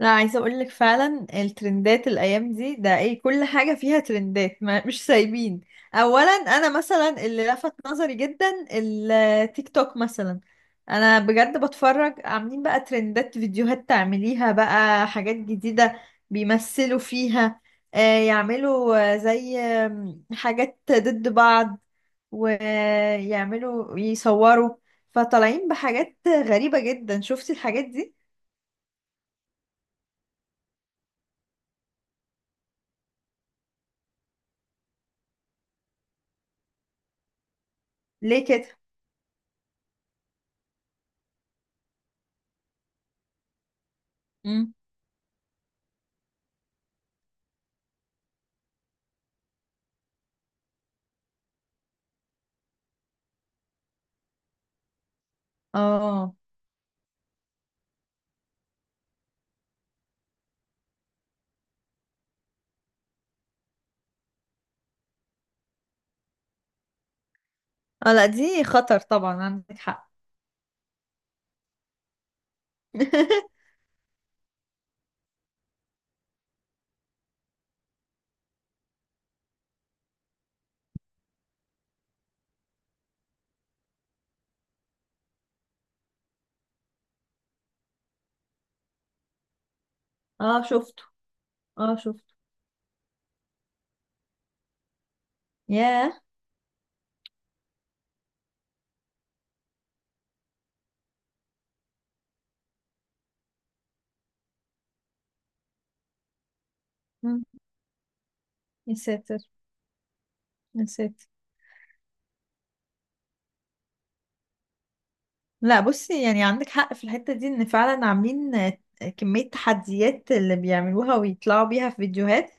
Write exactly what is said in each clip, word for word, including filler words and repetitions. لا، عايزه اقول لك فعلا الترندات الايام دي ده ايه، كل حاجه فيها ترندات. ما مش سايبين. اولا انا مثلا اللي لفت نظري جدا التيك توك مثلا. انا بجد بتفرج، عاملين بقى ترندات فيديوهات تعمليها بقى حاجات جديده بيمثلوا فيها. آه، يعملوا، آه، زي آم، حاجات ضد بعض، ويعملوا يصوروا. فطالعين بحاجات غريبه جدا. شفتي الحاجات دي؟ ليه كده؟ اه، اه، لا دي خطر طبعا، عندك حق. اه شفته. اه شفته. ياه. مم. يا ساتر، يا ساتر. لا بصي، يعني عندك حق في الحتة دي، ان فعلا عاملين آه، كمية تحديات اللي بيعملوها ويطلعوا بيها في فيديوهات،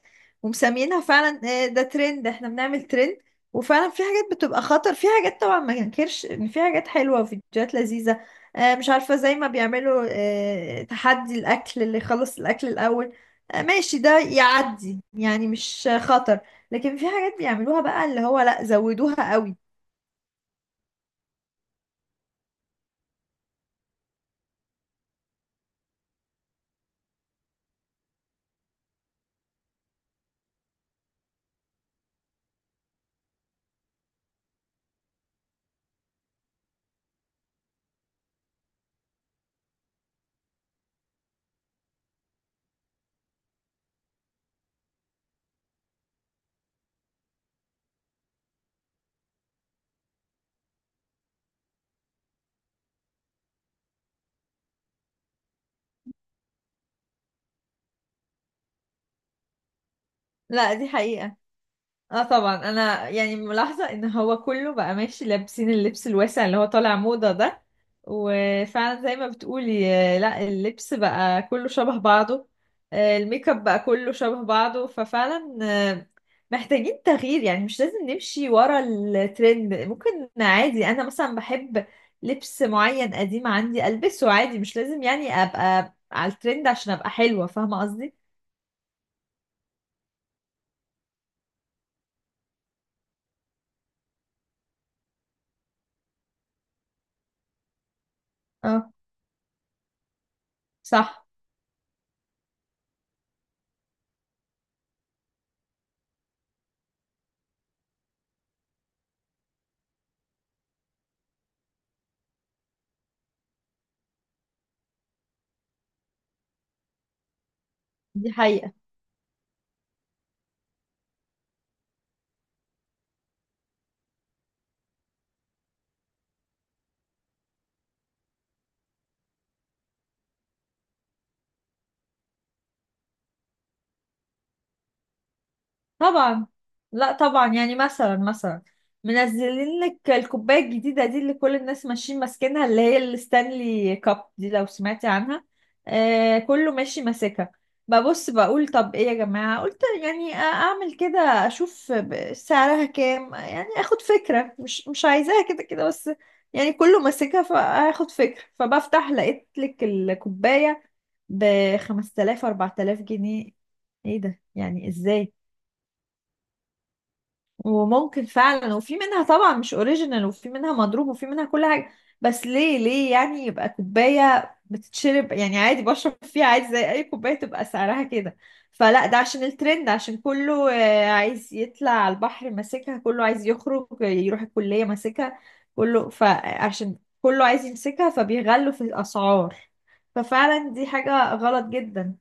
ومسميينها فعلا آه، ده ترند، احنا بنعمل ترند. وفعلا في حاجات بتبقى خطر، في حاجات طبعا ما ننكرش ان في حاجات حلوة وفيديوهات لذيذة. آه، مش عارفة، زي ما بيعملوا آه، تحدي الاكل، اللي يخلص الاكل الاول. آه، ماشي، ده يعدي، يعني مش آه، خطر. لكن في حاجات بيعملوها بقى اللي هو لا، زودوها قوي. لا دي حقيقة. اه طبعا، انا يعني ملاحظة ان هو كله بقى ماشي لابسين اللبس الواسع اللي هو طالع موضة ده. وفعلا زي ما بتقولي، آه، لا اللبس بقى كله شبه بعضه. آه، الميك اب بقى كله شبه بعضه، ففعلا آه، محتاجين تغيير. يعني مش لازم نمشي ورا الترند، ممكن عادي انا مثلا بحب لبس معين قديم عندي البسه عادي. مش لازم يعني ابقى على الترند عشان ابقى حلوة. فاهمة قصدي؟ اه، صح. دي حقيقة طبعا. لا طبعا، يعني مثلا مثلا منزلين لك الكوبايه الجديده دي اللي كل الناس ماشيين ماسكينها، اللي هي الستانلي كاب دي، لو سمعتي عنها. آه، كله ماشي ماسكها. ببص بقول طب ايه يا جماعه، قلت يعني اعمل كده، اشوف ب- سعرها كام، يعني اخد فكره، مش مش عايزاها كده كده، بس يعني كله ماسكها فاخد فكره. فبفتح لقيت لك الكوبايه ب خمسة آلاف أربعة آلاف جنيه. ايه ده؟ يعني ازاي؟ وممكن فعلا، وفي منها طبعا مش اوريجينال، وفي منها مضروب، وفي منها كل حاجة. بس ليه، ليه يعني يبقى كوباية بتتشرب، يعني عادي بشرب فيها عادي زي اي كوباية تبقى سعرها كده؟ فلا، ده عشان الترند، عشان كله آه، عايز يطلع على البحر ماسكها، كله عايز يخرج يروح الكلية ماسكها، كله، فعشان كله عايز يمسكها فبيغلوا في الأسعار. ففعلا دي حاجة غلط جدا.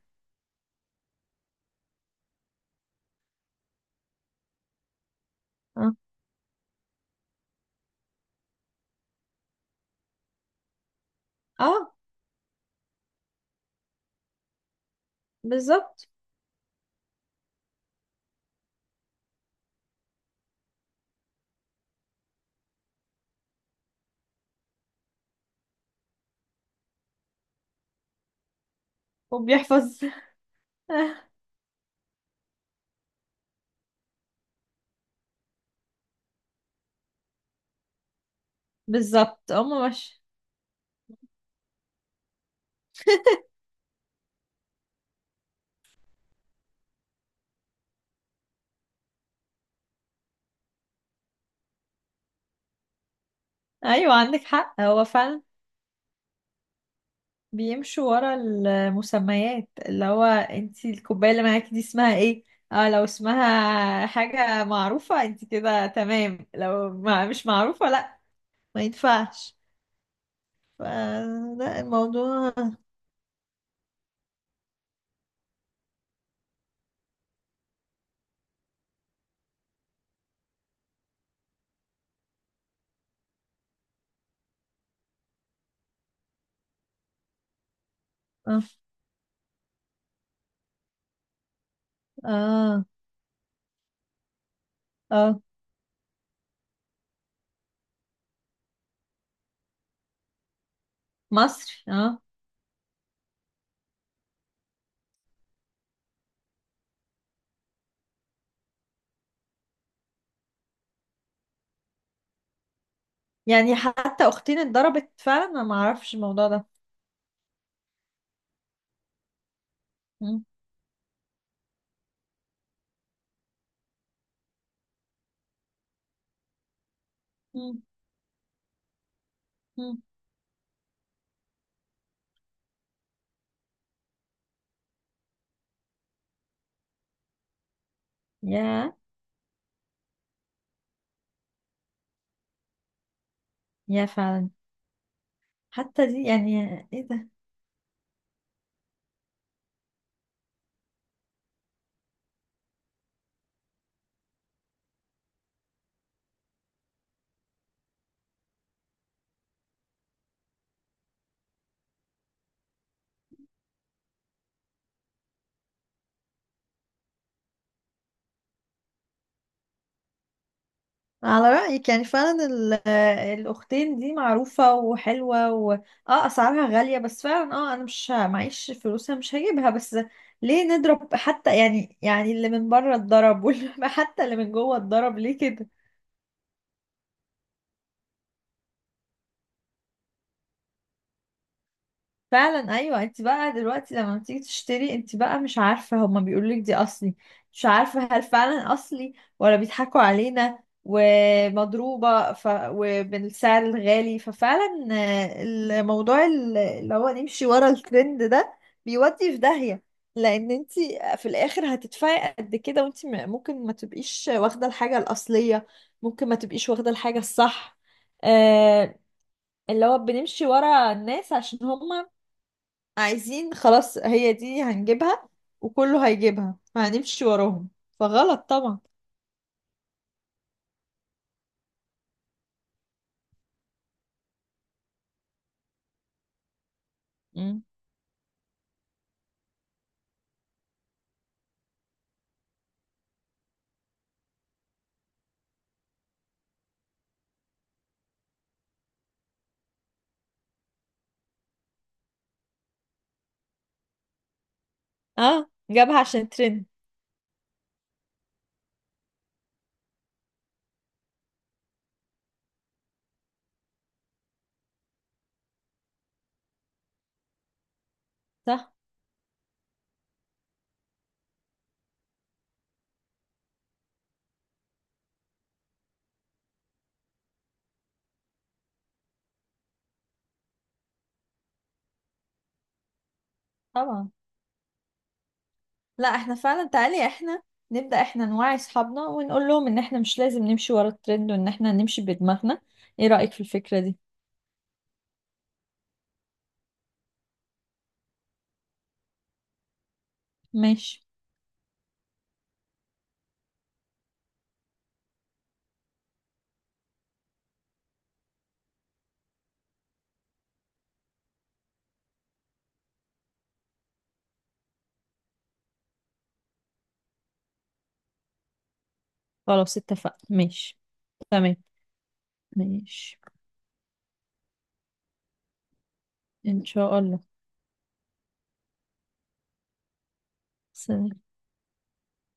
اه، آه، بالظبط. وبيحفظ. بالظبط. هم مش. ايوه عندك حق، هو فعلا بيمشوا ورا المسميات. اللي هو، انتي الكوبايه اللي معاكي دي اسمها ايه؟ اه، لو اسمها حاجه معروفه انتي كده تمام، لو ما مش معروفه لا، ما ينفعش. ف- لا، الموضوع، اه، اه، اه، مصري، اه. يعني حتى اختين اتضربت فعلا، انا ما اعرفش الموضوع ده. مم، مم، مم. يا يا فعلا. حتى دي يعني. ايه ده؟ على رأيك، يعني فعلا ال- الأختين دي معروفة وحلوة، و اه أسعارها غالية، بس فعلا اه أنا مش ه- معيش فلوسها، مش هجيبها. بس ليه نضرب حتى يعني يعني اللي من بره اتضرب واللي حتى اللي من جوه اتضرب ليه كده؟ فعلا، ايوه. انت بقى دلوقتي لما بتيجي تشتري، انت بقى مش عارفه، هما بيقولوا لك دي اصلي، مش عارفه هل فعلا اصلي ولا بيضحكوا علينا ومضروبه ف... وبالسعر الغالي. ففعلا آه، الموضوع ال- اللي هو نمشي ورا الترند ده، بيودي في داهيه. لان انت في الاخر هتدفعي قد كده وانت م- ممكن ما تبقيش واخده الحاجه الاصليه، ممكن ما تبقيش واخده الحاجه الصح. آه، اللي هو بنمشي ورا الناس عشان هم عايزين خلاص هي دي هنجيبها، وكله هيجيبها فهنمشي وراهم. فغلط طبعا. مم. اه، جابها عشان ترند. صح طبعا. لا احنا فعلا، تعالي احنا نبدأ احنا نوعي اصحابنا ونقول لهم ان احنا مش لازم نمشي ورا الترند، وان احنا نمشي بدماغنا. ايه رأيك في الفكرة دي؟ ماشي. خلاص اتفقنا. ماشي. تمام. ماشي. ان شاء الله. سلام.